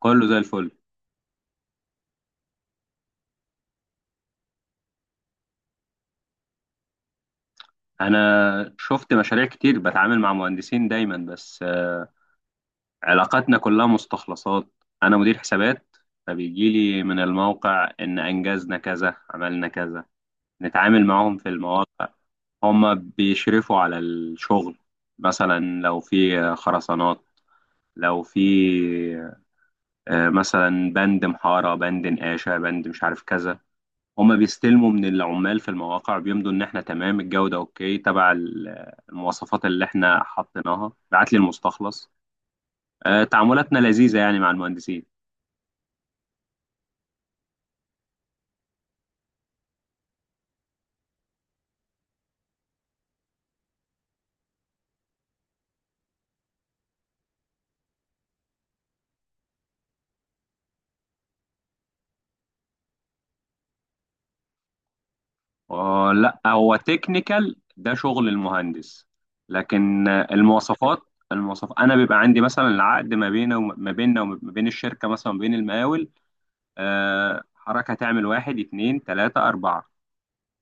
كله زي الفل. انا شفت مشاريع كتير بتعامل مع مهندسين دايما، بس علاقاتنا كلها مستخلصات. انا مدير حسابات، فبيجي لي من الموقع ان انجزنا كذا، عملنا كذا. نتعامل معاهم في المواقع، هما بيشرفوا على الشغل. مثلا لو في خرسانات، لو في مثلا بند محارة، بند نقاشة، بند مش عارف كذا. هما بيستلموا من العمال في المواقع، بيمضوا ان احنا تمام الجودة، اوكي تبع المواصفات اللي احنا حطيناها، بعت لي المستخلص. تعاملاتنا لذيذة يعني مع المهندسين. لا هو تكنيكال ده، شغل المهندس. لكن المواصفات انا بيبقى عندي مثلا العقد ما بينه وما بيننا وما بين الشركة، مثلا ما بين المقاول. حركة تعمل واحد اتنين تلاتة أربعة،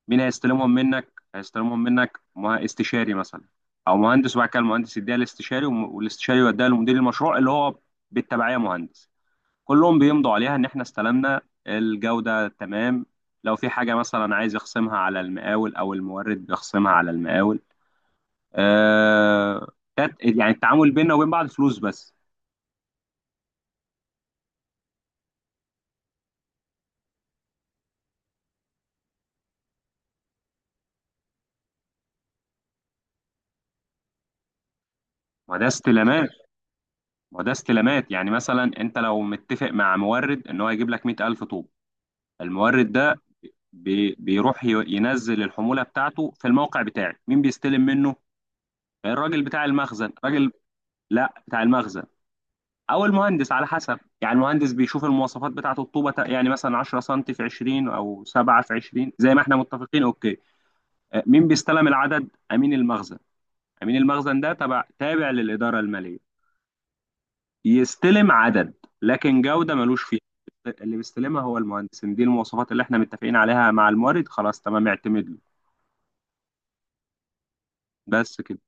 مين هيستلمهم منك؟ هيستلمهم منك استشاري مثلا، او مهندس، وبعد كده المهندس يديها الاستشاري، والاستشاري يوديها لمدير المشروع، اللي هو بالتبعيه مهندس. كلهم بيمضوا عليها ان احنا استلمنا، الجوده تمام. لو في حاجه مثلا عايز يخصمها على المقاول او المورد، بيخصمها على المقاول. آه يعني التعامل بيننا وبين بعض فلوس بس. ما ده استلامات ما ده استلامات. يعني مثلا انت لو متفق مع مورد ان هو يجيب لك 100000 طوب، المورد ده بيروح ينزل الحمولة بتاعته في الموقع بتاعي. مين بيستلم منه؟ الراجل بتاع المخزن، راجل. لا، بتاع المخزن او المهندس، على حسب. يعني المهندس بيشوف المواصفات بتاعه الطوبه يعني مثلا 10 سم في 20 او 7 في 20 زي ما احنا متفقين، اوكي. مين بيستلم العدد؟ امين المخزن. امين المخزن ده تبع، تابع للاداره الماليه، يستلم عدد، لكن جوده ملوش فيها. اللي بيستلمها هو المهندس، إن دي المواصفات اللي احنا متفقين عليها مع المورد، خلاص تمام اعتمد له. بس كده.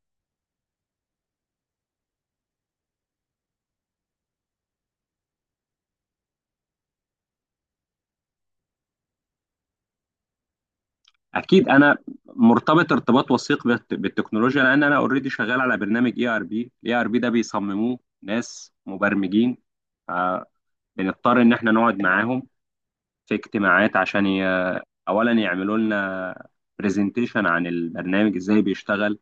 اكيد، انا مرتبط ارتباط وثيق بالتكنولوجيا، لان انا اوريدي شغال على برنامج اي ار بي. الاي ار بي ده بيصمموه ناس مبرمجين، فبنضطر ان احنا نقعد معاهم في اجتماعات عشان اولا يعملوا لنا برزنتيشن عن البرنامج ازاي بيشتغل،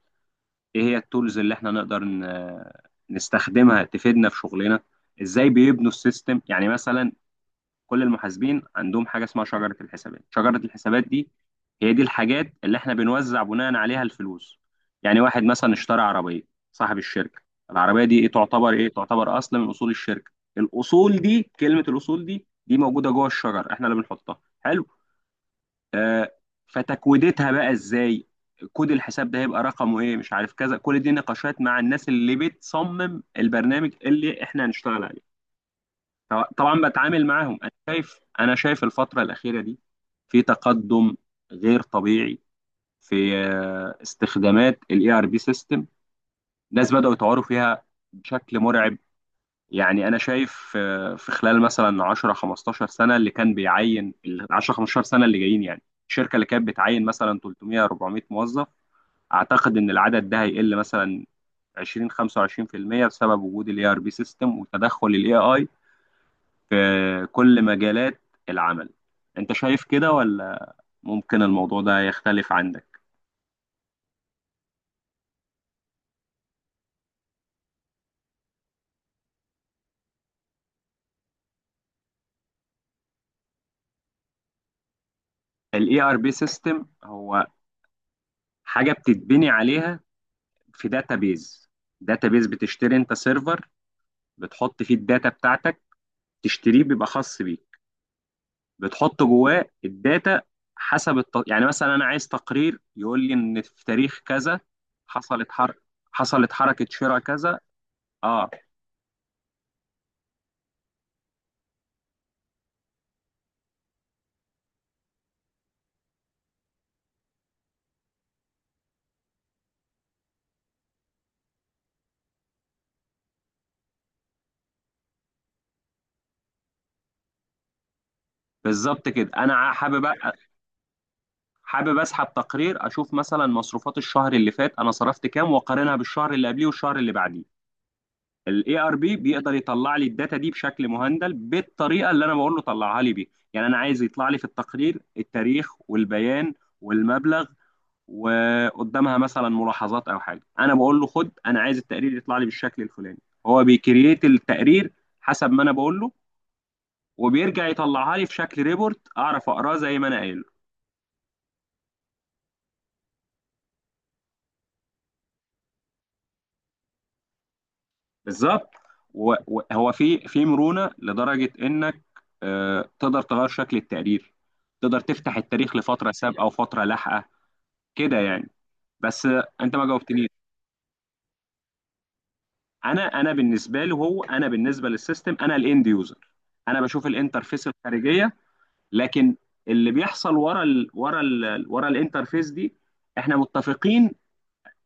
ايه هي التولز اللي احنا نقدر نستخدمها تفيدنا في شغلنا، ازاي بيبنوا السيستم. يعني مثلا كل المحاسبين عندهم حاجه اسمها شجره الحسابات. شجره الحسابات دي هي دي الحاجات اللي احنا بنوزع بناء عليها الفلوس. يعني واحد مثلا اشترى عربيه، صاحب الشركه، العربيه دي ايه؟ تعتبر ايه؟ تعتبر اصل من اصول الشركه. الاصول دي، كلمه الاصول دي، دي موجوده جوه الشجر، احنا اللي بنحطها. حلو. آه فتكويدتها بقى ازاي؟ كود الحساب ده هيبقى رقمه ايه؟ مش عارف كذا. كل دي نقاشات مع الناس اللي بتصمم البرنامج اللي احنا هنشتغل عليه. طبعا بتعامل معاهم. انا شايف الفتره الاخيره دي في تقدم غير طبيعي في استخدامات الاي ار بي سيستم. ناس بداوا يطوروا فيها بشكل مرعب. يعني انا شايف في خلال مثلا 10 15 سنه، اللي كان بيعين ال 10 15 سنه اللي جايين، يعني الشركه اللي كانت بتعين مثلا 300 400 موظف، اعتقد ان العدد ده هيقل مثلا 20 25% بسبب وجود الاي ار بي سيستم وتدخل الاي في كل مجالات العمل. انت شايف كده ولا ممكن الموضوع ده يختلف عندك؟ الاي ار بي سيستم هو حاجه بتتبني عليها في داتابيز. داتابيز، بتشتري انت سيرفر، بتحط فيه الداتا بتاعتك. تشتريه، بيبقى خاص بيك، بتحط جواه الداتا حسب يعني مثلا انا عايز تقرير يقول لي ان في تاريخ كذا حصلت حر... حصلت حركه شراء كذا. اه، بالظبط كده. انا حابب اسحب تقرير اشوف مثلا مصروفات الشهر اللي فات، انا صرفت كام، واقارنها بالشهر اللي قبليه والشهر اللي بعديه. الاي ار بي بيقدر يطلع لي الداتا دي بشكل مهندل بالطريقه اللي انا بقول له طلعها لي بيها. يعني انا عايز يطلع لي في التقرير التاريخ والبيان والمبلغ، وقدامها مثلا ملاحظات او حاجه. انا بقول له، خد انا عايز التقرير يطلع لي بالشكل الفلاني، هو بيكريت التقرير حسب ما انا بقول له، وبيرجع يطلعها لي في شكل ريبورت اعرف اقراه زي ما انا قايل. بالظبط. وهو في، في مرونه، لدرجه انك تقدر تغير شكل التقرير، تقدر تفتح التاريخ لفتره سابقه وفتره لاحقه، كده يعني. بس انت ما جاوبتنيش. انا بالنسبه له، هو انا بالنسبه للسيستم انا الاند يوزر، انا بشوف الانترفيس الخارجيه. لكن اللي بيحصل ورا الانترفيس دي، احنا متفقين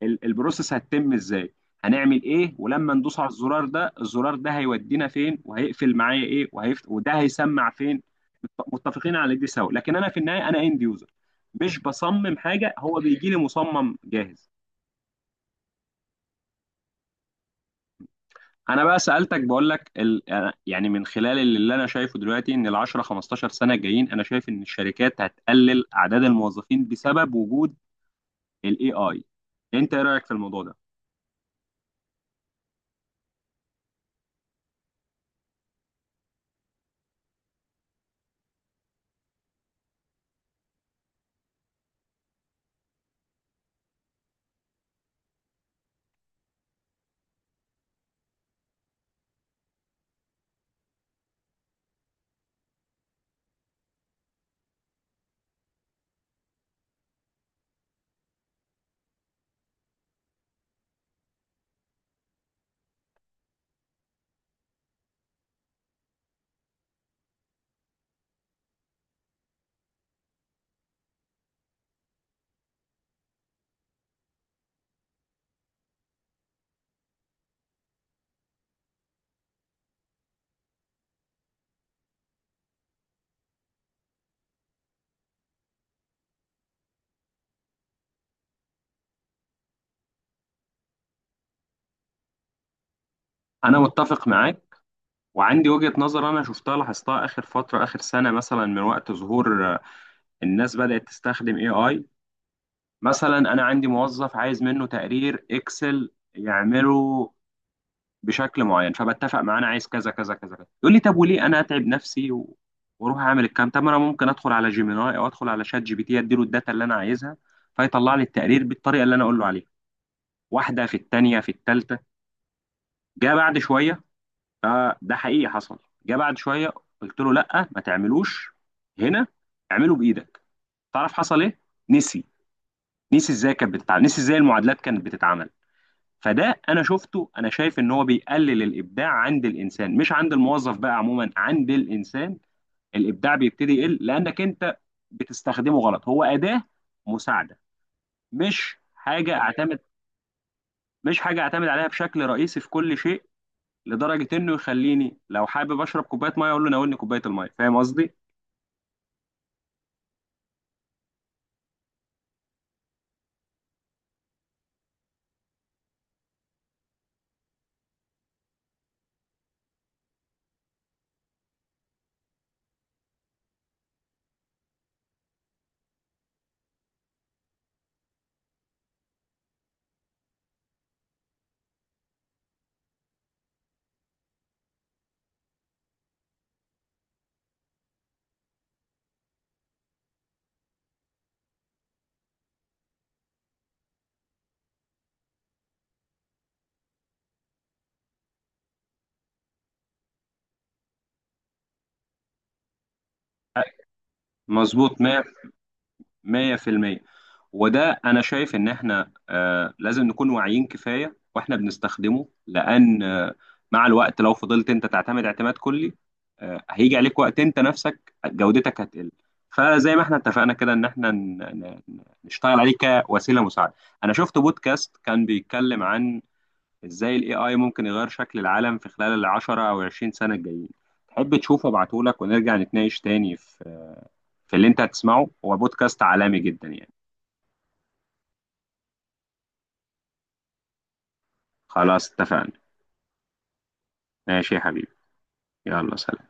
البروسيس هتتم ازاي، هنعمل ايه، ولما ندوس على الزرار ده، الزرار ده هيودينا فين، وهيقفل معايا ايه، وده هيسمع فين. متفقين على دي سوا، لكن انا في النهايه انا اند يوزر، مش بصمم حاجه، هو بيجي لي مصمم جاهز. انا بقى سالتك، بقول لك يعني من خلال اللي انا شايفه دلوقتي، ان ال 10 15 سنه الجايين انا شايف ان الشركات هتقلل اعداد الموظفين بسبب وجود الاي اي. انت ايه رايك في الموضوع ده؟ انا متفق معاك، وعندي وجهة نظر انا شفتها، لاحظتها اخر فترة، اخر سنة مثلا، من وقت ظهور الناس بدأت تستخدم اي اي. مثلا انا عندي موظف عايز منه تقرير اكسل يعمله بشكل معين، فبتفق معاه انا عايز كذا كذا كذا كذا، يقول لي طب وليه انا اتعب نفسي واروح اعمل الكلام؟ طب ما انا ممكن ادخل على جيميناي او ادخل على شات جي بي تي، اديله الداتا اللي انا عايزها، فيطلع لي التقرير بالطريقة اللي انا اقول له عليها. واحدة، في التانية، في التالتة، جاء بعد شوية. آه ده حقيقي حصل. جه بعد شويه، قلت له لا ما تعملوش هنا، اعمله بايدك. تعرف حصل ايه؟ نسي. نسي ازاي كانت بتتعمل، نسي ازاي المعادلات كانت بتتعمل. فده انا شفته. انا شايف ان هو بيقلل الابداع عند الانسان، مش عند الموظف بقى، عموما عند الانسان. الابداع بيبتدي يقل لانك انت بتستخدمه غلط. هو اداه مساعده، مش حاجه اعتمد، مش حاجه اعتمد عليها بشكل رئيسي في كل شيء، لدرجه انه يخليني لو حابب اشرب كوبايه ميه اقول له ناولني كوبايه الميه. فاهم قصدي؟ مظبوط 100، 100%. وده انا شايف ان احنا آه لازم نكون واعيين كفايه واحنا بنستخدمه، لان آه مع الوقت لو فضلت انت تعتمد اعتماد كلي، آه هيجي عليك وقت انت نفسك جودتك هتقل. فزي ما احنا اتفقنا كده ان احنا نشتغل عليه كوسيله مساعده. انا شفت بودكاست كان بيتكلم عن ازاي الاي اي ممكن يغير شكل العالم في خلال العشرة او عشرين سنة الجايين. تحب تشوفه؟ ابعتهولك ونرجع نتناقش تاني في، في اللي انت هتسمعه. هو بودكاست عالمي جدا يعني. خلاص اتفقنا. ماشي يا حبيبي. يلا سلام.